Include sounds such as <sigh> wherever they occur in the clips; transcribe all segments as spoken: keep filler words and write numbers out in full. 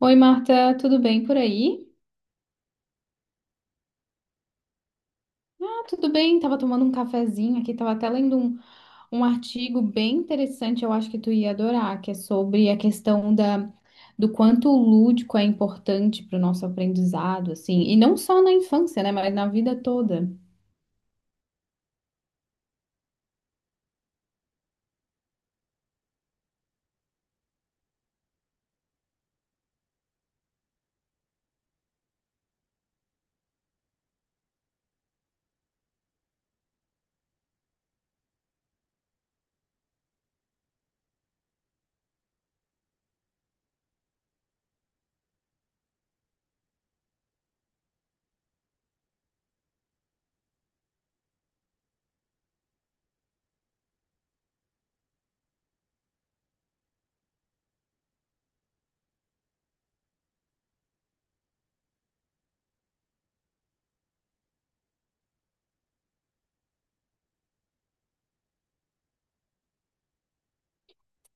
Oi, Marta, tudo bem por aí? Ah, tudo bem, tava tomando um cafezinho aqui, tava até lendo um, um artigo bem interessante, eu acho que tu ia adorar, que é sobre a questão da, do quanto o lúdico é importante para o nosso aprendizado, assim, e não só na infância, né, mas na vida toda.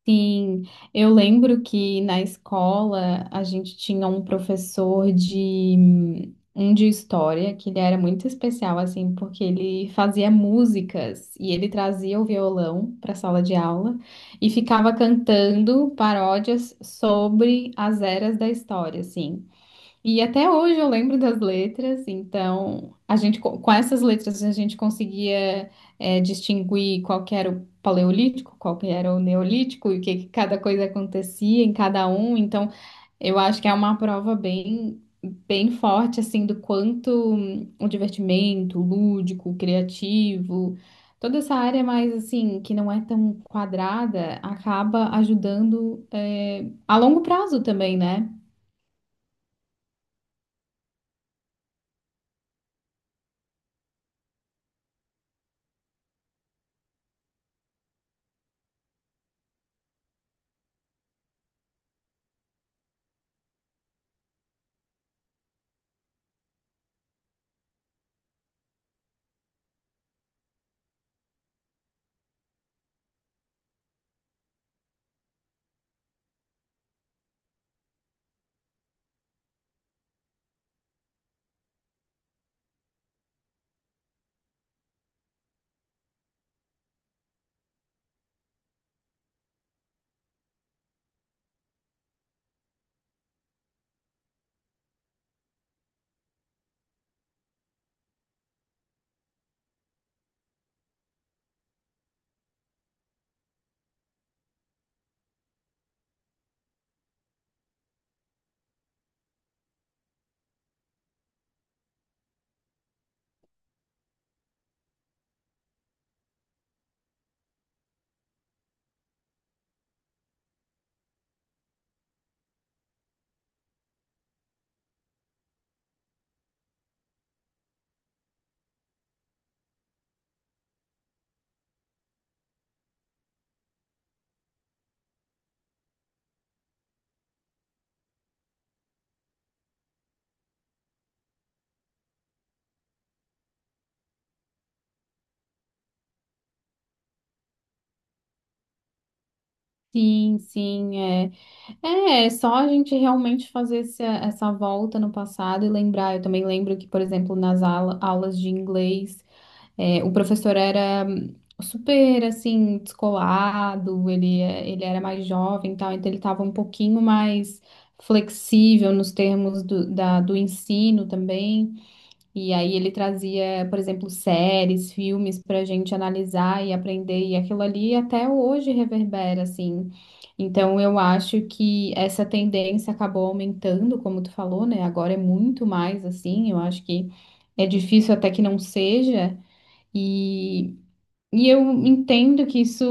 Sim, eu lembro que na escola a gente tinha um professor de hum, um de história que ele era muito especial assim, porque ele fazia músicas e ele trazia o violão para a sala de aula e ficava cantando paródias sobre as eras da história, assim. E até hoje eu lembro das letras, então a gente co- com essas letras a gente conseguia é, distinguir qual que era o paleolítico, qual que era o neolítico e o que, que cada coisa acontecia em cada um. Então eu acho que é uma prova bem bem forte assim do quanto hum, o divertimento, o lúdico, o criativo, toda essa área mais assim que não é tão quadrada acaba ajudando é, a longo prazo também, né? Sim, sim. é. É, é só a gente realmente fazer esse- essa volta no passado e lembrar. Eu também lembro que, por exemplo, nas aula- aulas de inglês, é, o professor era hum, super, assim, descolado, ele, é- ele era mais jovem e tal, então ele estava um pouquinho mais flexível nos termos do, da- do ensino também. E aí ele trazia, por exemplo, séries, filmes para a gente analisar e aprender, e aquilo ali até hoje reverbera, assim. Então eu acho que essa tendência acabou aumentando, como tu falou, né? Agora é muito mais assim, eu acho que é difícil até que não seja, e, e eu entendo que isso.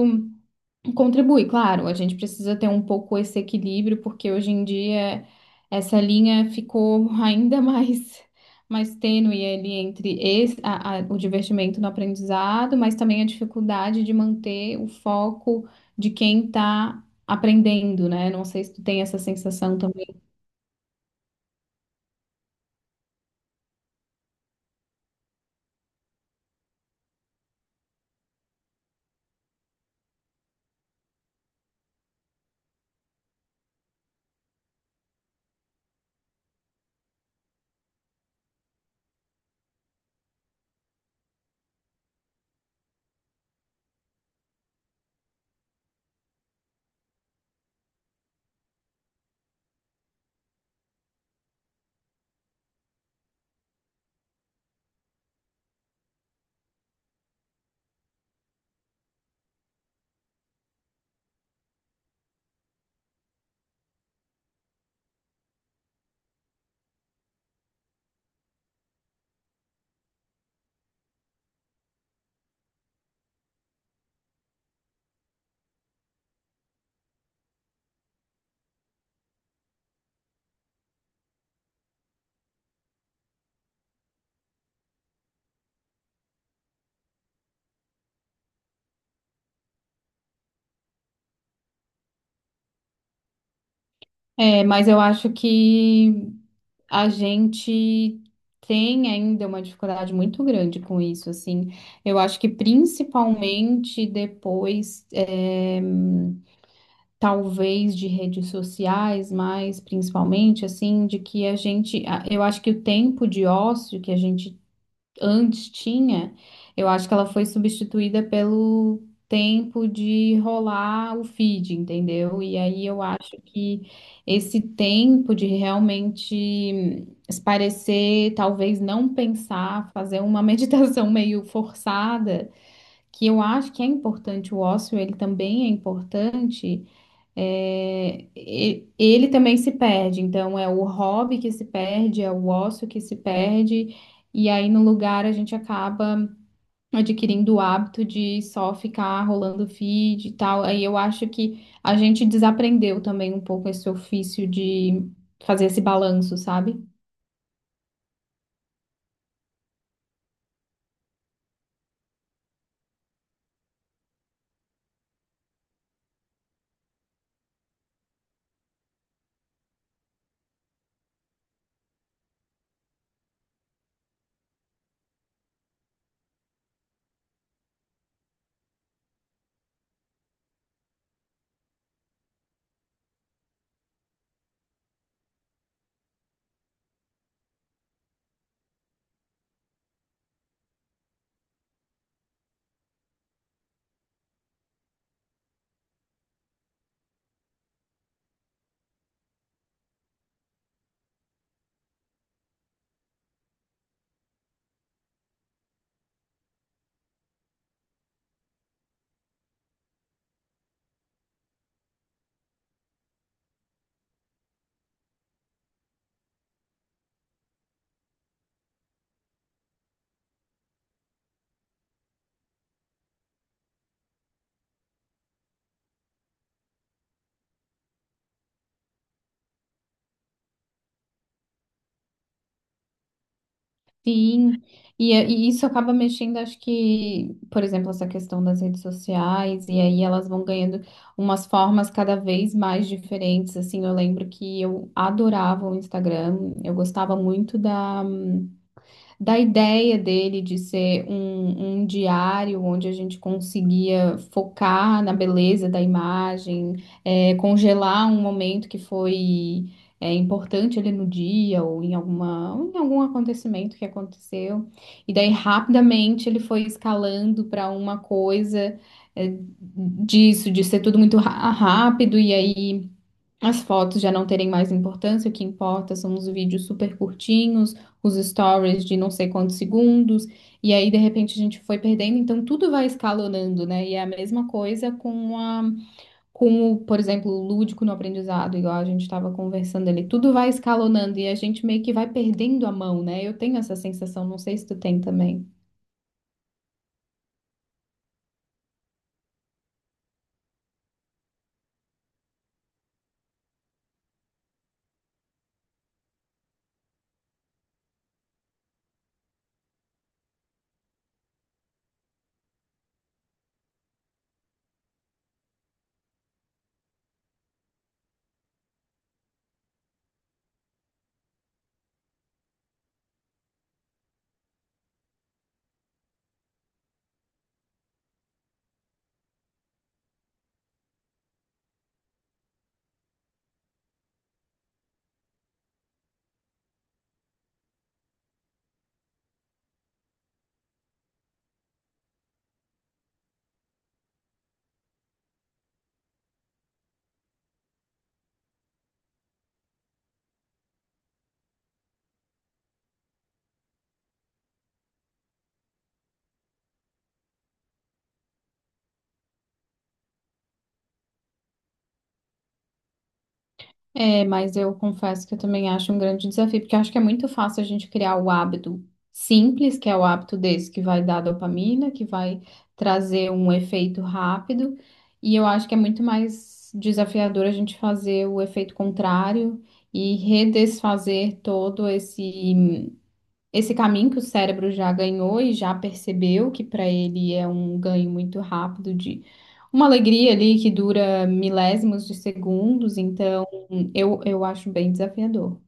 Contribui, claro, a gente precisa ter um pouco esse equilíbrio, porque hoje em dia essa linha ficou <laughs> ainda mais, mais tênue ali entre esse- a- a- o divertimento no aprendizado, mas também a dificuldade de manter o foco de quem está aprendendo, né? Não sei se tu tem essa sensação também. É, mas eu acho que a gente tem ainda uma dificuldade muito grande com isso, assim. Eu acho que principalmente depois, eh, talvez de redes sociais, mas principalmente assim, de que a gente, a- eu acho que o tempo de ócio que a gente antes tinha, eu acho que ela foi substituída pelo tempo de rolar o feed, entendeu? E aí eu acho que esse tempo de realmente esparecer, talvez não pensar, fazer uma <laughs> meditação meio forçada, que eu acho que é importante, o ócio ele também é importante. É, e- ele também se perde, então é o hobby que se perde, é o ócio que se perde, e aí no lugar a gente acaba adquirindo o hábito de só ficar rolando feed e tal. Aí eu acho que a gente desaprendeu também um pouco esse ofício de fazer esse balanço, sabe? Sim, e, e isso acaba mexendo, acho que, por exemplo, essa questão das redes sociais, e aí elas vão ganhando umas formas cada vez mais diferentes, assim, eu lembro que eu adorava o Instagram, eu gostava muito da da ideia dele de ser um, um diário onde a gente conseguia focar na beleza da imagem, é, congelar um momento que foi é, importante ali no dia ou em alguma, ou em algum acontecimento que aconteceu. E daí rapidamente ele foi escalando para uma coisa é, disso, de ser tudo muito ra- rápido e aí. As fotos já não terem mais importância, o que importa são os vídeos super curtinhos, os stories de não sei quantos segundos, e aí de repente a gente foi perdendo, então tudo vai escalonando, né? E é a mesma coisa com a, com o, por exemplo, o lúdico no aprendizado, igual a gente estava conversando ali, tudo vai escalonando e a gente meio que vai perdendo a mão, né? Eu tenho essa sensação, não sei se tu tem também. É, mas eu confesso que eu também acho um grande desafio, porque eu acho que é muito fácil a gente criar o hábito simples, que é o hábito desse que vai dar dopamina, que vai trazer um efeito rápido, e eu acho que é muito mais desafiador a gente fazer o efeito contrário e redesfazer todo esse esse caminho que o cérebro já ganhou e já percebeu que para ele é um ganho muito rápido de uma alegria ali que dura milésimos de segundos, então eu, eu acho bem desafiador.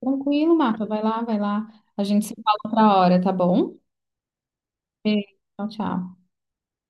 Tranquilo, Marta, vai lá, vai lá. A gente se fala outra hora, tá bom? Beijo, tchau, tchau.